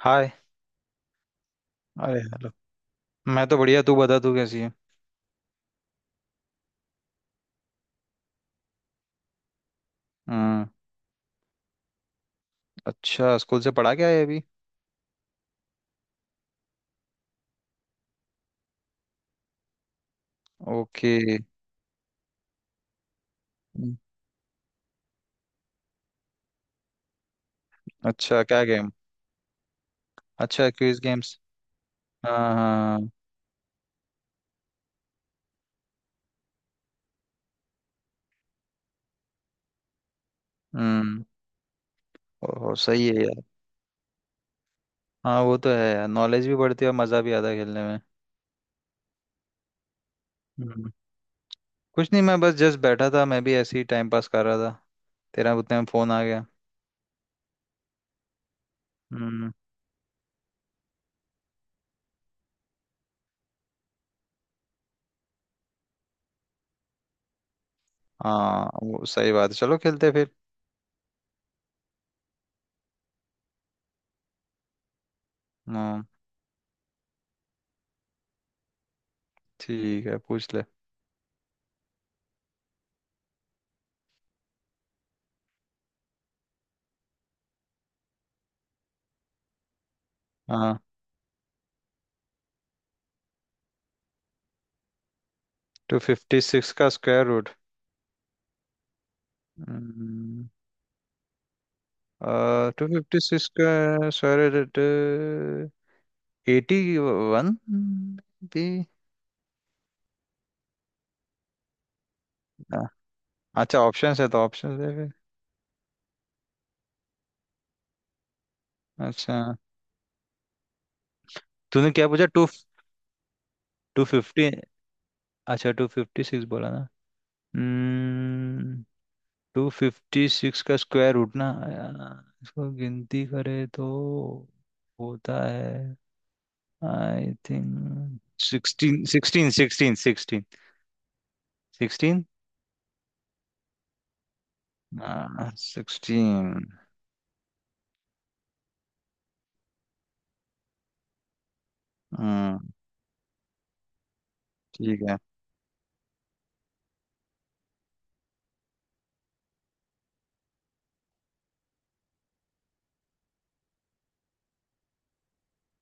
हाय। अरे हेलो। मैं तो बढ़िया, तू बता तू कैसी है? हम्म। अच्छा, स्कूल से पढ़ा क्या है अभी? ओके। हम्म। अच्छा, क्या गेम? अच्छा, क्विज गेम्स। हाँ हाँ। हम्म। ओहो, सही है यार। हाँ, वो तो है यार। नॉलेज भी बढ़ती है और मज़ा भी आता है खेलने में। हम्म। कुछ नहीं, मैं बस जस्ट बैठा था। मैं भी ऐसे ही टाइम पास कर रहा था। तेरा उतने में फोन आ गया। हम्म। हाँ, वो सही बात है। चलो खेलते हैं फिर। हाँ। ठीक है, पूछ ले। हाँ। 256 का स्क्वायर रूट? हम्म। 256 का, सर। 81। भी। हाँ। अच्छा, ऑप्शन है तो ऑप्शन है फिर। अच्छा। तूने क्या पूछा? टू? 250? अच्छा, 256 बोला ना। हम्म। 256 का स्क्वायर रूट ना। इसको गिनती करे तो होता है। I think 16 sixteen sixteen sixteen sixteen. हाँ, सिक्सटीन। हम्म, ठीक है।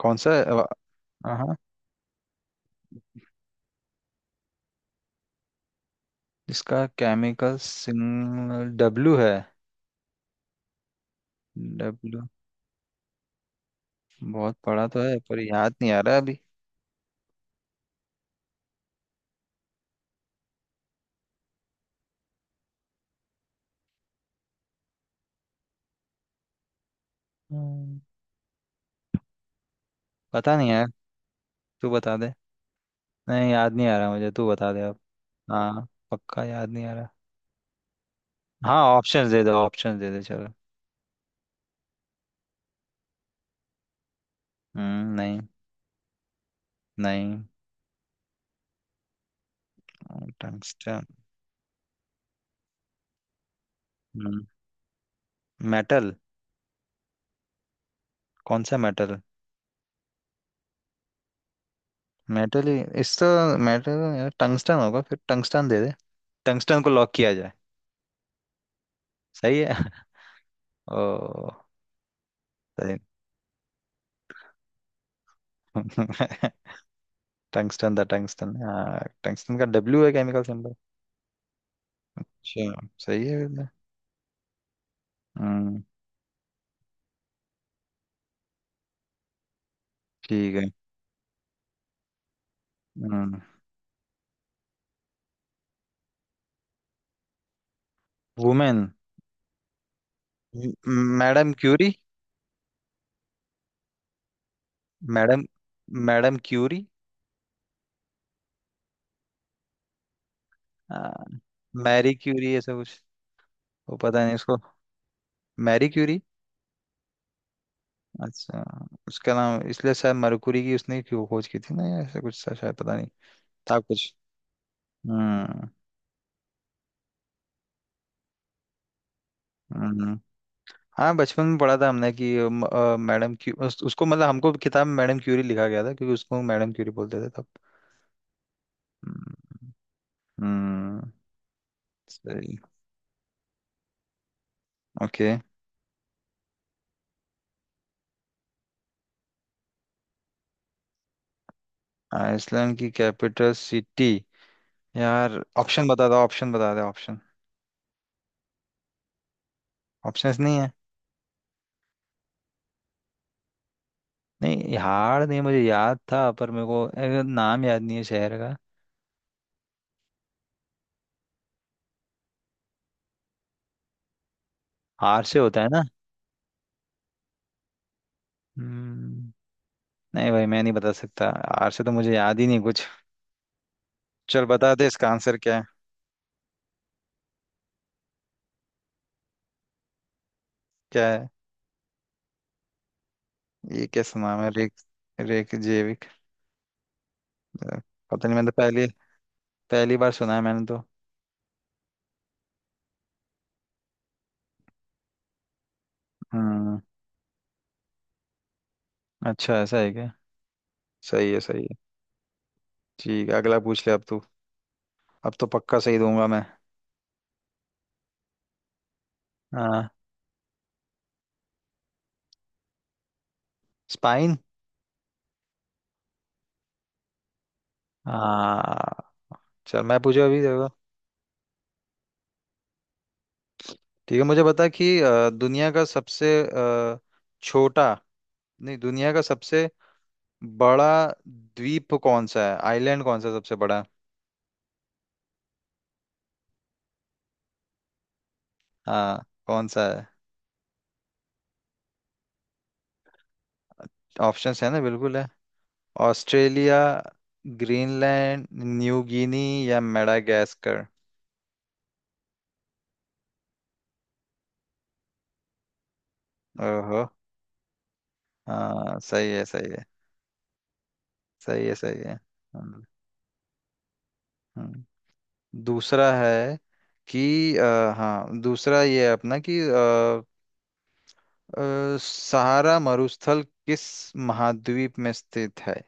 कौन सा है? हाँ। इसका केमिकल सिग्नल डब्लू है। डब्लू। बहुत पढ़ा तो है, पर याद नहीं आ रहा अभी। हम्म। पता नहीं यार। तू बता दे। नहीं, याद नहीं आ रहा मुझे, तू बता दे अब। हाँ, पक्का याद नहीं आ रहा। हाँ, ऑप्शंस दे दो, ऑप्शंस दे दे चलो। हम्म, नहीं। नहीं। टंगस्टन। हम्म। मेटल। कौन सा मेटल? मेटल ही इस तो। मेटल यार, टंगस्टन होगा फिर, टंगस्टन दे दे। टंगस्टन को लॉक किया जाए। सही है। ओ। टंगस्टन था, टंगस्टन, हाँ। टंगस्टन का डब्ल्यू है केमिकल सिंबल। अच्छा, सही है फिर तो। हम्म। ठीक है। हम्म। Women? Madam Curie. Madam. Madam Curie. आ, मैरी क्यूरी ऐसा कुछ। वो पता नहीं उसको। Marie Curie. अच्छा। उसका नाम इसलिए शायद, मरकुरी की उसने क्यों खोज की थी ना, या ऐसा कुछ था शायद, पता नहीं। था कुछ। हम्म। हम्म। हाँ, बचपन में पढ़ा था हमने कि अम, अ, मैडम क्यू उस, उसको मतलब हमको किताब में मैडम क्यूरी लिखा गया था क्योंकि उसको मैडम क्यूरी बोलते थे तब। हम्म। हम्म। सही। ओके। आइसलैंड की कैपिटल सिटी? यार, ऑप्शन बता दो, ऑप्शन बता दो, ऑप्शन। ऑप्शंस नहीं है? नहीं, हार नहीं, मुझे याद था पर मेरे को नाम याद नहीं है शहर का। हार से होता है ना? हम्म। नहीं भाई, मैं नहीं बता सकता। हार से तो मुझे याद ही नहीं कुछ। चल बता दे इसका आंसर क्या है। क्या है? ये कैसा नाम है, रेक? रेक। अ, पता नहीं, मैंने तो पहली पहली बार सुना है मैंने तो। हम्म। अच्छा, ऐसा है क्या? सही है, सही है। ठीक है, अगला पूछ ले अब तू। अब तो पक्का सही दूंगा मैं। हाँ। स्पाइन। हाँ। चल, मैं पूछा अभी देखो। ठीक है, मुझे बता कि दुनिया का सबसे छोटा, नहीं, दुनिया का सबसे बड़ा द्वीप कौन सा है? आइलैंड कौन सा सबसे बड़ा है? हाँ, कौन सा है? ऑप्शंस है ना, बिल्कुल है। ऑस्ट्रेलिया, ग्रीनलैंड, न्यू गिनी या मेडागास्कर। ओहो। हाँ, सही है, सही है। सही है, सही है। हम्म। हम्म। दूसरा है कि हाँ, दूसरा ये है अपना कि सहारा मरुस्थल किस महाद्वीप में स्थित है?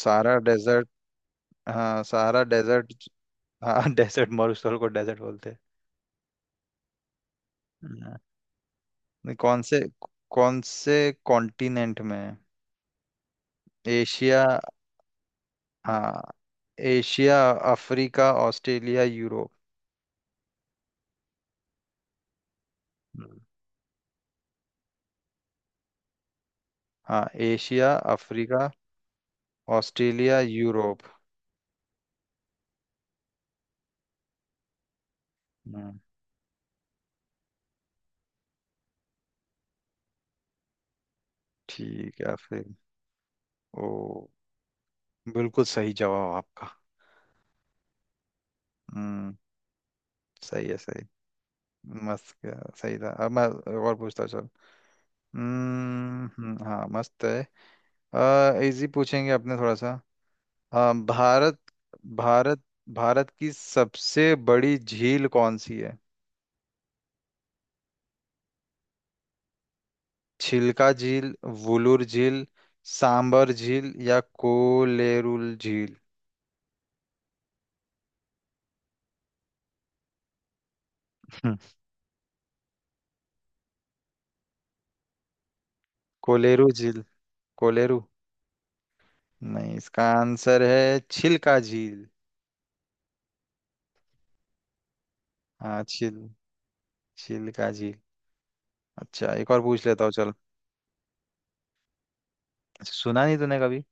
Sahara desert. हाँ, सहारा डेजर्ट। हाँ। डेजर्ट, मरुस्थल को डेजर्ट बोलते हैं। हाँ। नहीं, कौन से, कौन से कॉन्टिनेंट में है? एशिया, हाँ, एशिया, अफ्रीका, ऑस्ट्रेलिया, यूरोप। हाँ, एशिया, अफ्रीका, ऑस्ट्रेलिया, यूरोप। हम्म। ठीक है फिर। ओ, बिल्कुल सही जवाब आपका। हम्म। सही है, सही। मस्त, क्या सही था। अब मैं और पूछता हूँ, चल। हम्म, हाँ, मस्त है। इजी पूछेंगे अपने थोड़ा सा। भारत। भारत। भारत की सबसे बड़ी झील कौन सी है? छिलका झील, वुलूर झील, सांबर झील या कोलेरुल झील। हम्म। कोलेरू झील। कोलेरू। नहीं, इसका आंसर है छिलका झील। हाँ, छिलका झील। अच्छा, एक और पूछ लेता हूँ चल। अच्छा, सुना नहीं तूने कभी?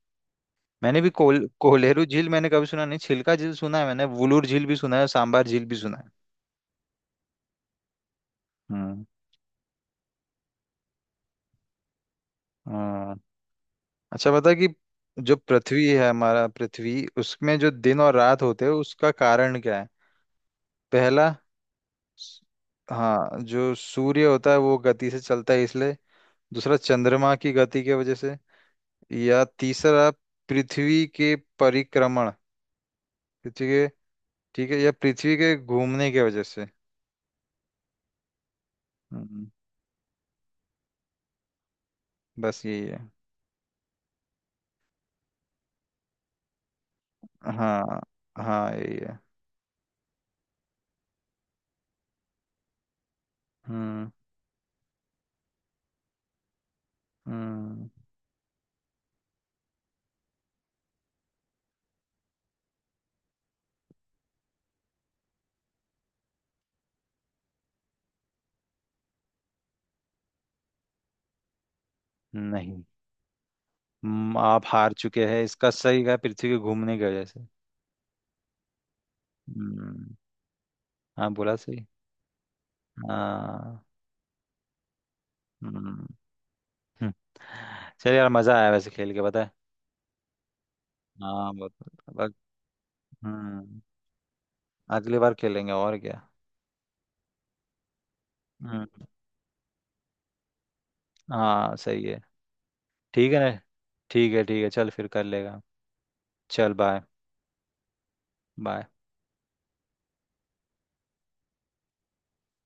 मैंने भी कोलेरू झील मैंने कभी सुना नहीं। छिलका झील सुना है मैंने, वुलूर झील भी सुना है, सांबार झील भी सुना है। हम्म। हाँ। अच्छा, बता कि जो पृथ्वी है हमारा पृथ्वी, उसमें जो दिन और रात होते हैं उसका कारण क्या है? पहला, स- हाँ, जो सूर्य होता है वो गति से चलता है इसलिए। दूसरा, चंद्रमा की गति की वजह से। या तीसरा, पृथ्वी के परिक्रमण, पृथ्वी के, ठीक है, या पृथ्वी के घूमने की वजह से। हम्म। बस यही है। हाँ, हाँ यही है। हम्म। हम्म। नहीं। आप हार चुके हैं। इसका सही है पृथ्वी के घूमने की वजह से। हम्म। हाँ, बोला सही। हाँ। हम्म। हम्म। चलिए यार, मजा आया वैसे खेल के, पता है। हाँ, बहुत। बहुत- हम्म। अगली बार खेलेंगे और क्या। हम्म। हाँ, सही है। ठीक है ना। ठीक है, ठीक है, चल फिर कर लेगा। चल बाय। बाय।